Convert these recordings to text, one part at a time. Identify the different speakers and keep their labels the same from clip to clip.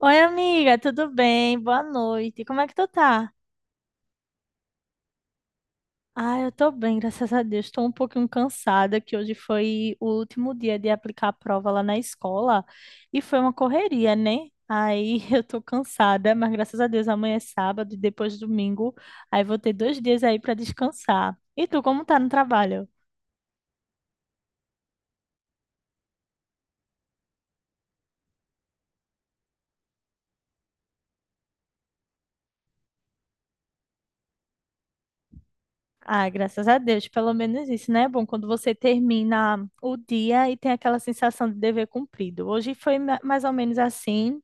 Speaker 1: Oi, amiga, tudo bem? Boa noite. Como é que tu tá? Ah, eu tô bem, graças a Deus. Tô um pouquinho cansada, que hoje foi o último dia de aplicar a prova lá na escola e foi uma correria, né? Aí eu tô cansada, mas graças a Deus amanhã é sábado e depois domingo. Aí vou ter 2 dias aí pra descansar. E tu, como tá no trabalho? Ah, graças a Deus, pelo menos isso, né? É bom quando você termina o dia e tem aquela sensação de dever cumprido. Hoje foi mais ou menos assim.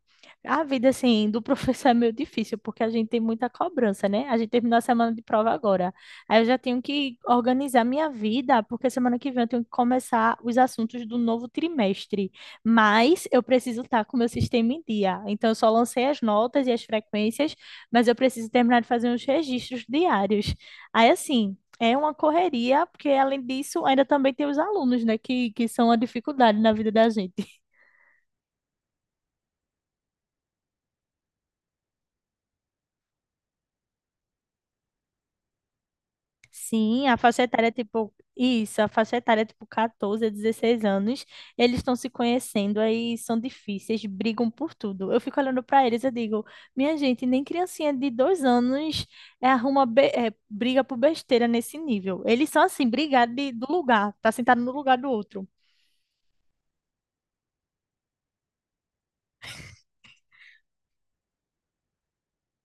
Speaker 1: A vida, assim, do professor é meio difícil, porque a gente tem muita cobrança, né? A gente terminou a semana de prova agora. Aí eu já tenho que organizar minha vida, porque semana que vem eu tenho que começar os assuntos do novo trimestre. Mas eu preciso estar com o meu sistema em dia. Então eu só lancei as notas e as frequências, mas eu preciso terminar de fazer uns registros diários. Aí, assim, é uma correria, porque além disso, ainda também tem os alunos, né, que são a dificuldade na vida da gente. Sim, a faixa etária é tipo. Isso, a faixa etária é tipo 14 a 16 anos. Eles estão se conhecendo, aí são difíceis, brigam por tudo. Eu fico olhando para eles, eu digo, minha gente, nem criancinha de 2 anos briga por besteira nesse nível. Eles são assim, brigar do lugar, tá sentado no lugar do outro.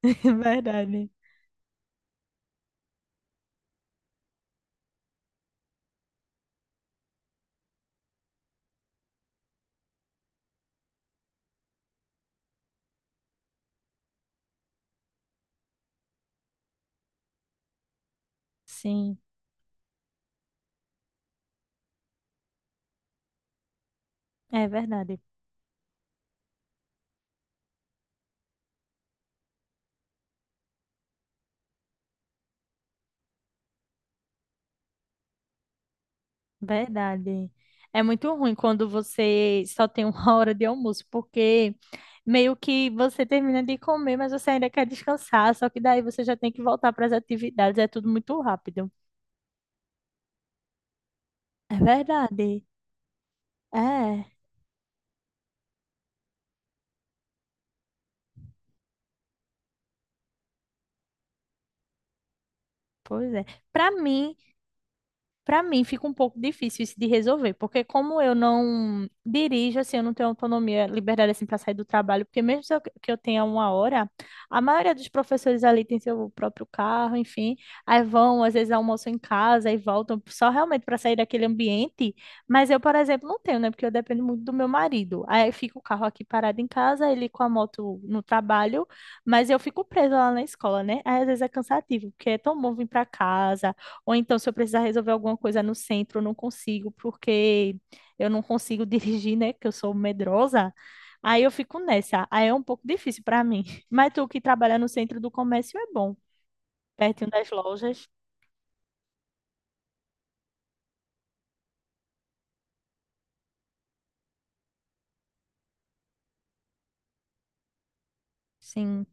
Speaker 1: É verdade. Sim, é verdade. Verdade. É muito ruim quando você só tem uma hora de almoço, porque meio que você termina de comer, mas você ainda quer descansar, só que daí você já tem que voltar para as atividades, é tudo muito rápido. É verdade. É, pois é. Para mim, Para mim fica um pouco difícil isso de resolver, porque como eu não dirijo, assim, eu não tenho autonomia, liberdade assim para sair do trabalho, porque mesmo se que eu tenha uma hora, a maioria dos professores ali tem seu próprio carro, enfim, aí vão, às vezes almoçam em casa e voltam só realmente para sair daquele ambiente, mas eu, por exemplo, não tenho, né, porque eu dependo muito do meu marido. Aí fica o carro aqui parado em casa, ele com a moto no trabalho, mas eu fico presa lá na escola, né? Aí às vezes é cansativo, porque é tão bom vir para casa ou então, se eu precisar resolver alguma coisa no centro, eu não consigo, porque eu não consigo dirigir, né? Que eu sou medrosa. Aí eu fico nessa. Aí é um pouco difícil para mim. Mas tu que trabalha no centro do comércio é bom, pertinho das lojas. Sim.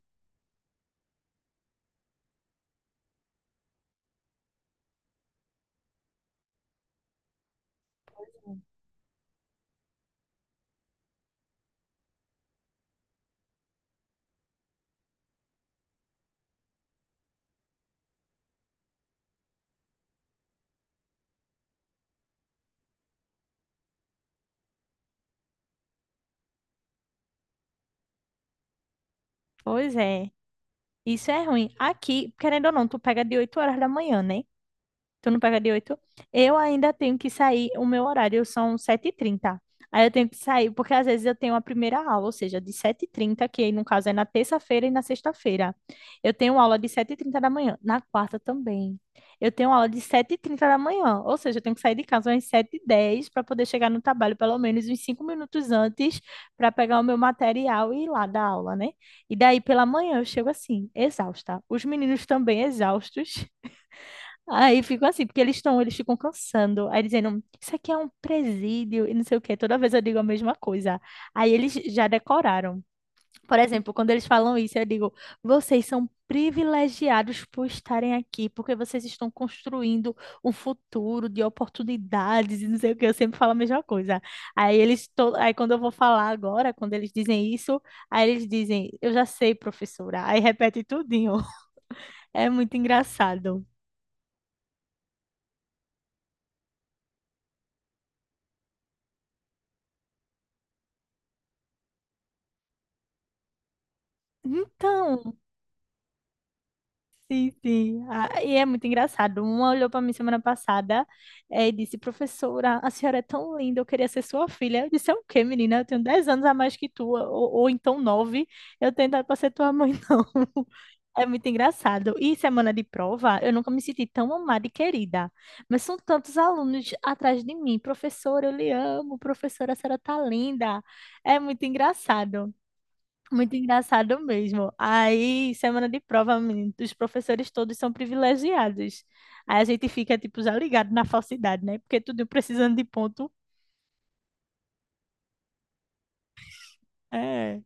Speaker 1: Pois é. Isso é ruim. Aqui, querendo ou não, tu pega de 8 horas da manhã, né? Tu não pega de 8. Eu ainda tenho que sair, o meu horário são 7:30. Aí eu tenho que sair, porque às vezes eu tenho a primeira aula, ou seja, de 7:30 que aí no caso é na terça-feira e na sexta-feira. Eu tenho aula de 7:30 da manhã, na quarta também. Eu tenho aula de sete e trinta da manhã, ou seja, eu tenho que sair de casa às 7:10 para poder chegar no trabalho pelo menos uns 5 minutos antes para pegar o meu material e ir lá dar aula, né? E daí pela manhã eu chego assim, exausta. Os meninos também exaustos. Aí fico assim, porque eles estão, eles ficam cansando. Aí dizendo, isso aqui é um presídio e não sei o quê. Toda vez eu digo a mesma coisa. Aí eles já decoraram. Por exemplo, quando eles falam isso, eu digo, vocês são privilegiados por estarem aqui, porque vocês estão construindo um futuro de oportunidades e não sei o quê. Eu sempre falo a mesma coisa. Aí eles, aí quando eu vou falar agora, quando eles dizem isso, aí eles dizem, eu já sei, professora. Aí repete tudinho. É muito engraçado. Então, sim, sim. Ah, e é muito engraçado. Uma olhou para mim semana passada, e disse: Professora, a senhora é tão linda, eu queria ser sua filha. Eu disse: É o quê, menina? Eu tenho 10 anos a mais que tu, ou então nove. Eu tenho idade para ser tua mãe, não. É muito engraçado. E semana de prova, eu nunca me senti tão amada e querida. Mas são tantos alunos atrás de mim. Professora, eu lhe amo. Professora, a senhora tá linda. É muito engraçado. Muito engraçado mesmo. Aí, semana de prova, menino, os professores todos são privilegiados. Aí a gente fica, tipo, já ligado na falsidade, né? Porque tudo precisando de ponto. É,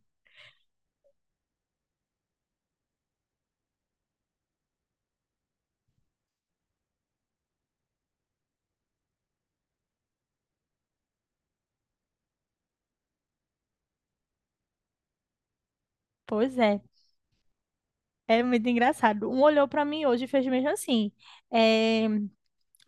Speaker 1: pois é. É muito engraçado. Um olhou para mim hoje e fez mesmo assim. É,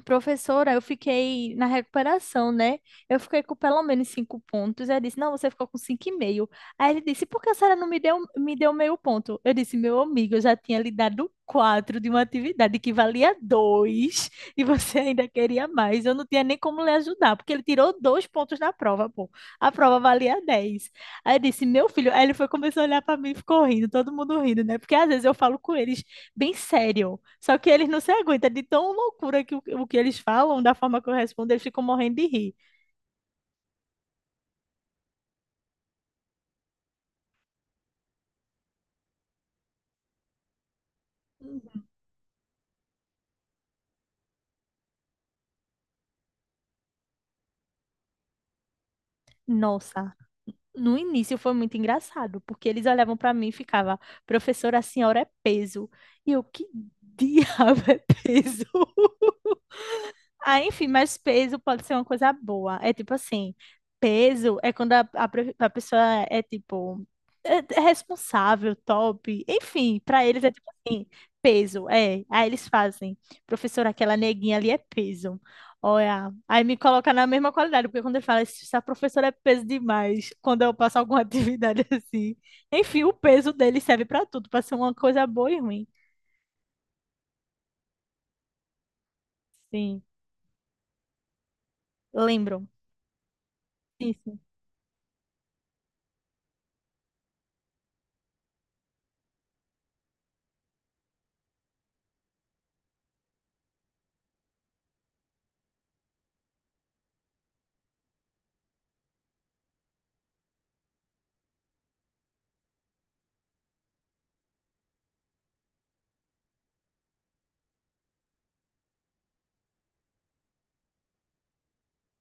Speaker 1: professora, eu fiquei na recuperação, né? Eu fiquei com pelo menos 5 pontos. Ele disse, não, você ficou com 5,5. Aí ele disse, por que a senhora não me deu, me deu meio ponto? Eu disse, meu amigo, eu já tinha lhe dado quatro de uma atividade que valia dois e você ainda queria mais. Eu não tinha nem como lhe ajudar, porque ele tirou 2 pontos na prova, pô. A prova valia dez. Aí eu disse, meu filho. Aí ele foi, começou a olhar pra mim e ficou rindo, todo mundo rindo, né? Porque às vezes eu falo com eles bem sério, só que eles não se aguentam de tão loucura que o que eles falam, da forma que eu respondo, eles ficam morrendo de rir. Uhum. Nossa, no início foi muito engraçado, porque eles olhavam pra mim e ficavam, professora, a senhora é peso. E eu, que diabo é peso? Ah, enfim, mas peso pode ser uma coisa boa. É tipo assim, peso é quando a pessoa é tipo é, é responsável, top. Enfim, pra eles é tipo assim, peso, é. Aí eles fazem, professora, aquela neguinha ali é peso. Olha, aí me coloca na mesma qualidade, porque quando ele fala, essa professora é peso demais, quando eu passo alguma atividade assim. Enfim, o peso dele serve pra tudo, pra ser uma coisa boa e ruim. Sim, lembro. Sim, sim.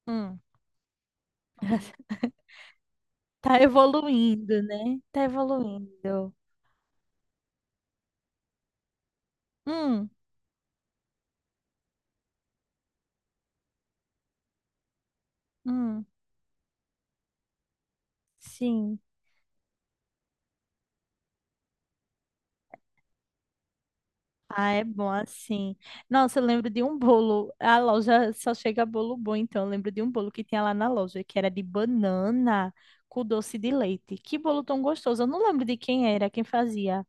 Speaker 1: Hum. Tá evoluindo, né? Tá evoluindo. Hum, hum, sim. Ah, é bom assim. Nossa, eu lembro de um bolo. A loja só chega bolo bom, então eu lembro de um bolo que tinha lá na loja, que era de banana com doce de leite. Que bolo tão gostoso. Eu não lembro de quem era, quem fazia.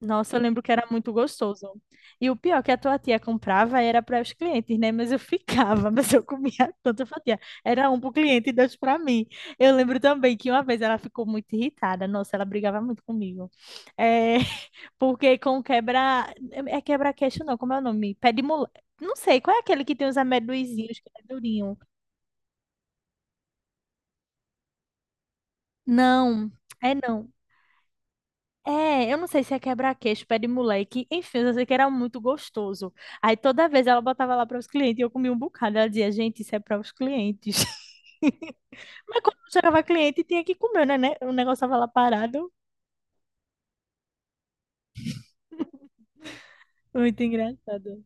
Speaker 1: Nossa, eu lembro que era muito gostoso. E o pior que a tua tia comprava era para os clientes, né? Mas eu ficava, mas eu comia tanta fatia. Era um para o cliente e dois para mim. Eu lembro também que uma vez ela ficou muito irritada. Nossa, ela brigava muito comigo. É, porque com quebra. É quebra-queixo, não, como é o nome? Não sei, qual é aquele que tem os amendoinzinhos que é durinho? Não, é não. É, eu não sei se é quebra-queixo, pé de moleque, enfim, eu só sei que era muito gostoso. Aí toda vez ela botava lá para os clientes e eu comia um bocado. Ela dizia, gente, isso é para os clientes. Mas quando chegava cliente, tinha que comer, né? O negócio tava lá parado. Muito engraçado.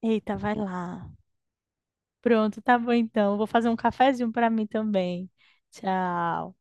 Speaker 1: Eita, vai lá. Pronto, tá bom então. Vou fazer um cafezinho para mim também. Tchau.